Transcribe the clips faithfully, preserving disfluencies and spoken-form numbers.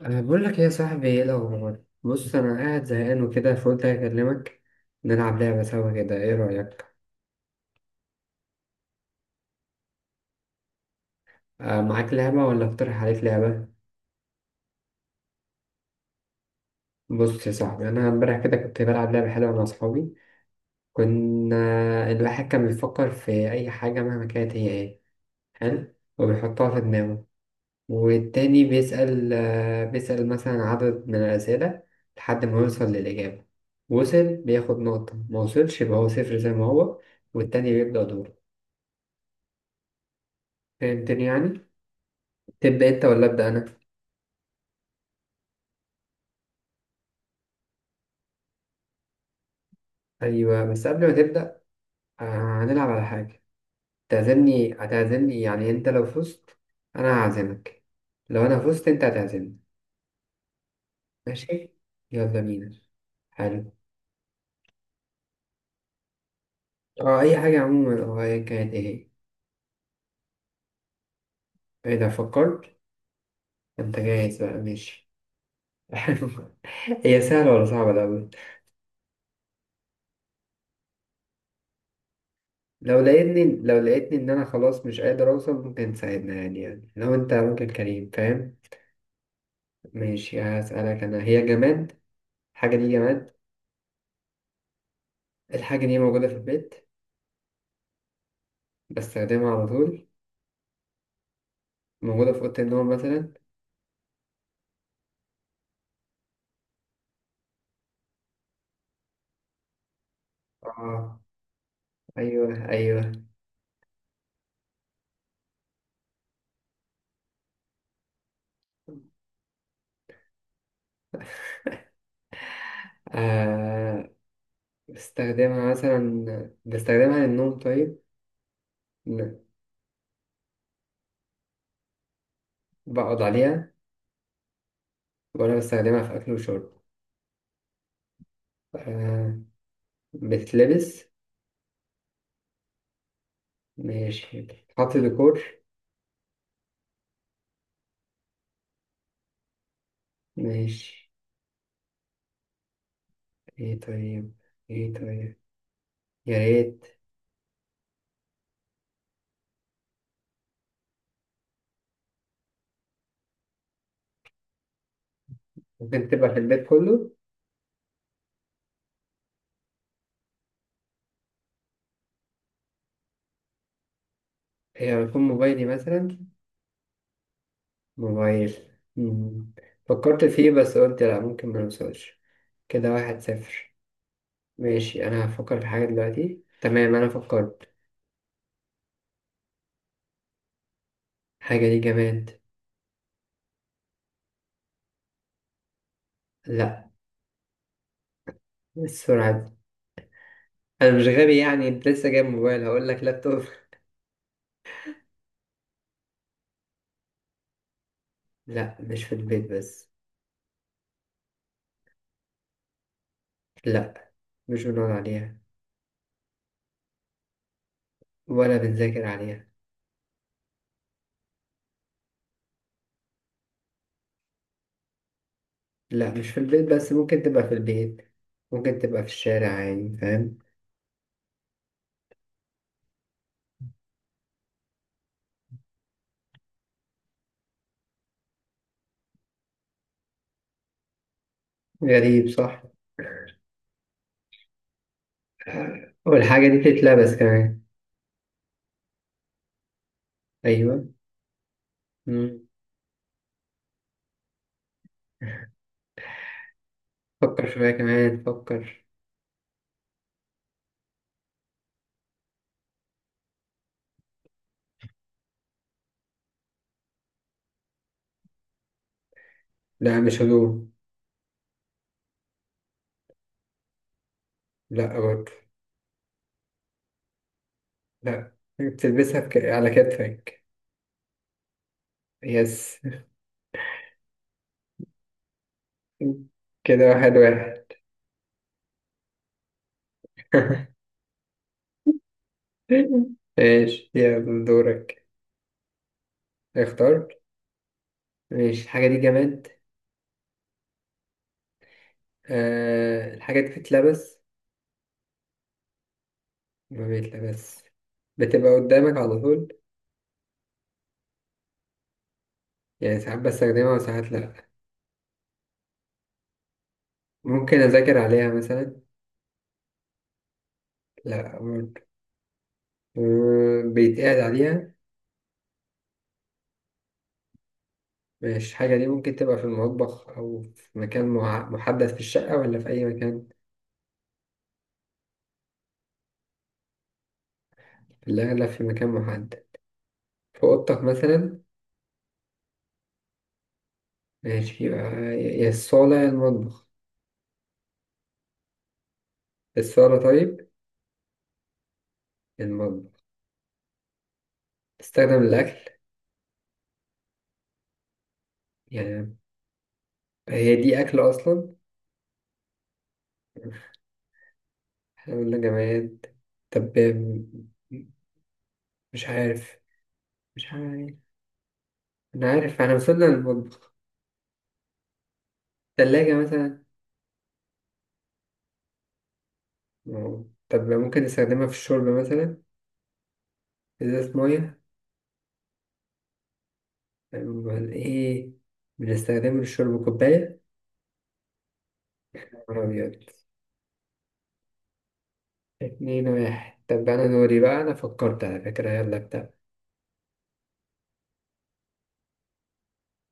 أه بقول لك إيه يا صاحبي، ايه الأخبار؟ بص، أنا قاعد زهقان وكده، فقلت أكلمك. نلعب لعبة سوا كده، ايه رأيك؟ أه، معاك لعبة ولا أقترح عليك لعبة؟ بص يا صاحبي، أنا امبارح كده كنت بلعب لعبة حلوة مع أصحابي. كنا الواحد كان بيفكر في أي حاجة مهما كانت هي ايه. حلو؟ وبيحطها في دماغه. والتاني بيسأل آه، بيسأل مثلا عدد من الأسئلة لحد ما يوصل للإجابة. وصل بياخد نقطة، ما وصلش يبقى هو صفر زي ما هو. والتاني بيبدأ دوره. فهمتني يعني. تبدأ أنت ولا أبدأ أنا؟ أيوه، بس قبل ما تبدأ، آه، هنلعب على حاجة. تعزمني هتعزمني يعني، أنت لو فزت أنا هعزمك، لو أنا فزت أنت هتعزمني. ماشي؟ يلا بينا. حلو. أه أي حاجة عموما، أه أيا كانت إيه هي، إذا فكرت. أنت جاهز بقى، ماشي. حلو. هي سهلة ولا صعبة الأول؟ لو لقيتني لو لقيتني إن أنا خلاص مش قادر أوصل، ممكن تساعدنا يعني يعني لو أنت ممكن، كريم، فاهم؟ ماشي، هسألك أنا. هي جماد؟ الحاجة دي جماد؟ الحاجة دي موجودة في البيت. بستخدمها على طول. موجودة في أوضة النوم مثلا. آه، أيوه أيوه. آه بستخدمها مثلا. بستخدمها للنوم طيب. ن- بقعد عليها. وأنا بستخدمها في أكل وشرب. آه بتلبس. ماشي، بتتحط ديكور. ماشي. إيه طيب. إيه طيب. يا ريت. ممكن تبقى في البيت كله. هي يكون موبايلي مثلا. موبايل. مم. فكرت فيه بس قلت لأ، ممكن ما نوصلش. كده واحد صفر. ماشي، أنا هفكر في حاجة دلوقتي. تمام، أنا فكرت. حاجة دي جماد. لأ. إيه السرعة دي؟ أنا مش غبي يعني. أنت لسه جايب موبايل هقول لك لابتوب؟ لأ، مش في البيت بس. لأ، مش بنقعد عليها ولا بنذاكر عليها. لأ، مش في البيت بس، ممكن تبقى في البيت، ممكن تبقى في الشارع عادي، فاهم؟ غريب صح. آه، والحاجة دي بتتلبس كمان. أيوه. مم. فكر شوية كمان، فكر. لأ، مش هدوم. لأ برضه. لا، بتلبسها في ك... على كتفك. يس. كده واحد واحد. ماشي، يلا دورك. اختار. ماشي، الحاجة دي جماد. آه الحاجة دي بتتلبس. ما بيتلبس. بتبقى قدامك على طول. يعني ساعات بستخدمها وساعات لأ. ممكن أذاكر عليها مثلا. لأ برضه. آه، بيتقعد عليها. مش الحاجة دي ممكن تبقى في المطبخ أو في مكان مع- محدد في الشقة ولا في أي مكان؟ في الأغلب في مكان محدد. في أوضتك مثلا. ماشي، يبقى يا يا الصالة يا المطبخ. الصالة طيب. يا المطبخ. تستخدم الأكل يعني. هي دي أكل أصلا؟ احنا قلنا جماد. طب، مش عارف، مش عارف. أنا عارف احنا وصلنا للمطبخ. تلاجة مثلا. أه. طب ممكن نستخدمها في الشرب مثلا. إزازة مية. أمال إيه؟ بنستخدمها للشرب، كوباية. نهار أبيض. اتنين واحد. طب أنا دوري بقى، أنا فكرت على فكرة، يلا بتاع.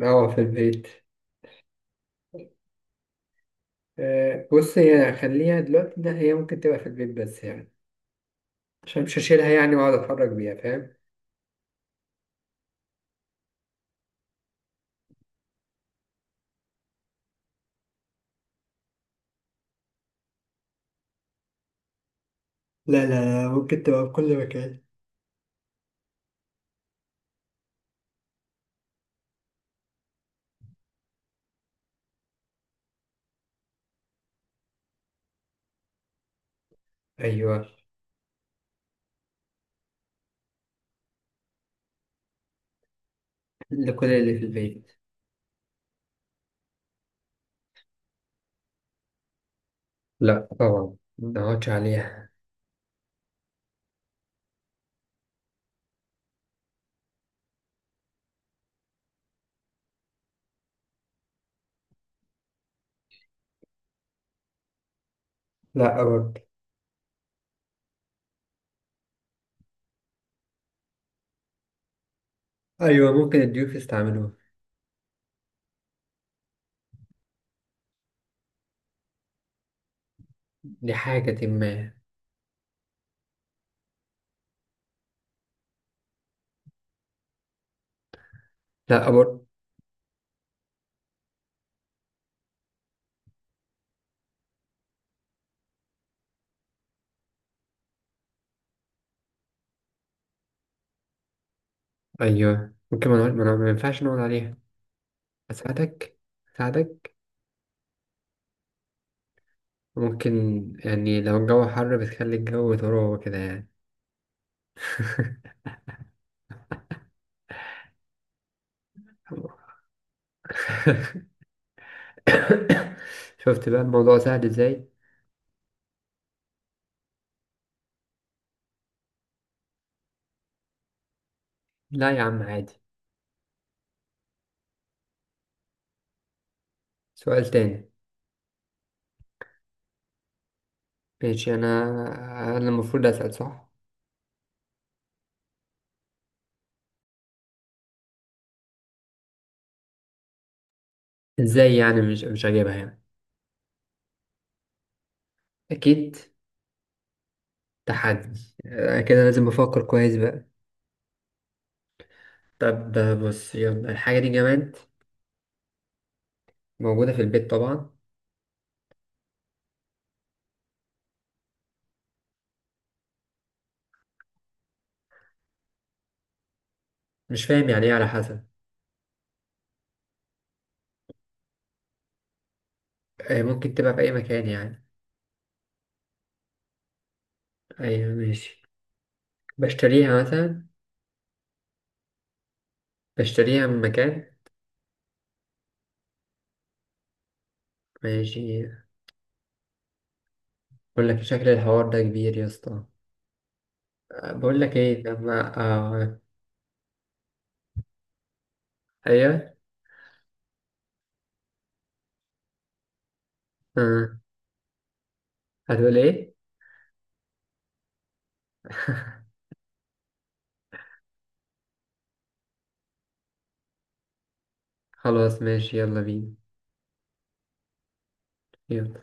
قهوة في البيت. آه، بص هي، خليها دلوقتي إن هي ممكن تبقى في البيت بس يعني، عشان مش هشيلها يعني وأقعد أتحرك بيها، فاهم؟ لا لا لا، ممكن تبقى في كل مكان. أيوه. لكل اللي في البيت. لا طبعا، ما أقعدش عليها. لا برضه. أيوه، ممكن الضيوف يستعملوها. لحاجة ما. لا برضه. أيوه، ممكن ما نقعد- ما نقعد- ما ينفعش نقعد عليها. أساعدك، أساعدك. ممكن، يعني لو الجو حر بتخلي الجو تروه كده يعني. شفت بقى الموضوع سهل ازاي. لا يا عم عادي. سؤال تاني. ماشي، انا انا المفروض اسال صح. ازاي يعني مش مش هجيبها يعني؟ اكيد، تحدي. أنا كده لازم افكر كويس بقى. طب، بص، يلا الحاجه دي جماد. موجوده في البيت طبعا. مش فاهم، يعني ايه على حسب؟ آه، ممكن تبقى في اي مكان يعني. ايوه ماشي. بشتريها مثلا، بشتريها من مكان. ماشي. بقول لك شكل الحوار ده كبير يا اسطى. آه، بقول لك ايه لما آه... ايوه. أه. هتقول ايه؟ خلاص ماشي، يلا بينا. يلا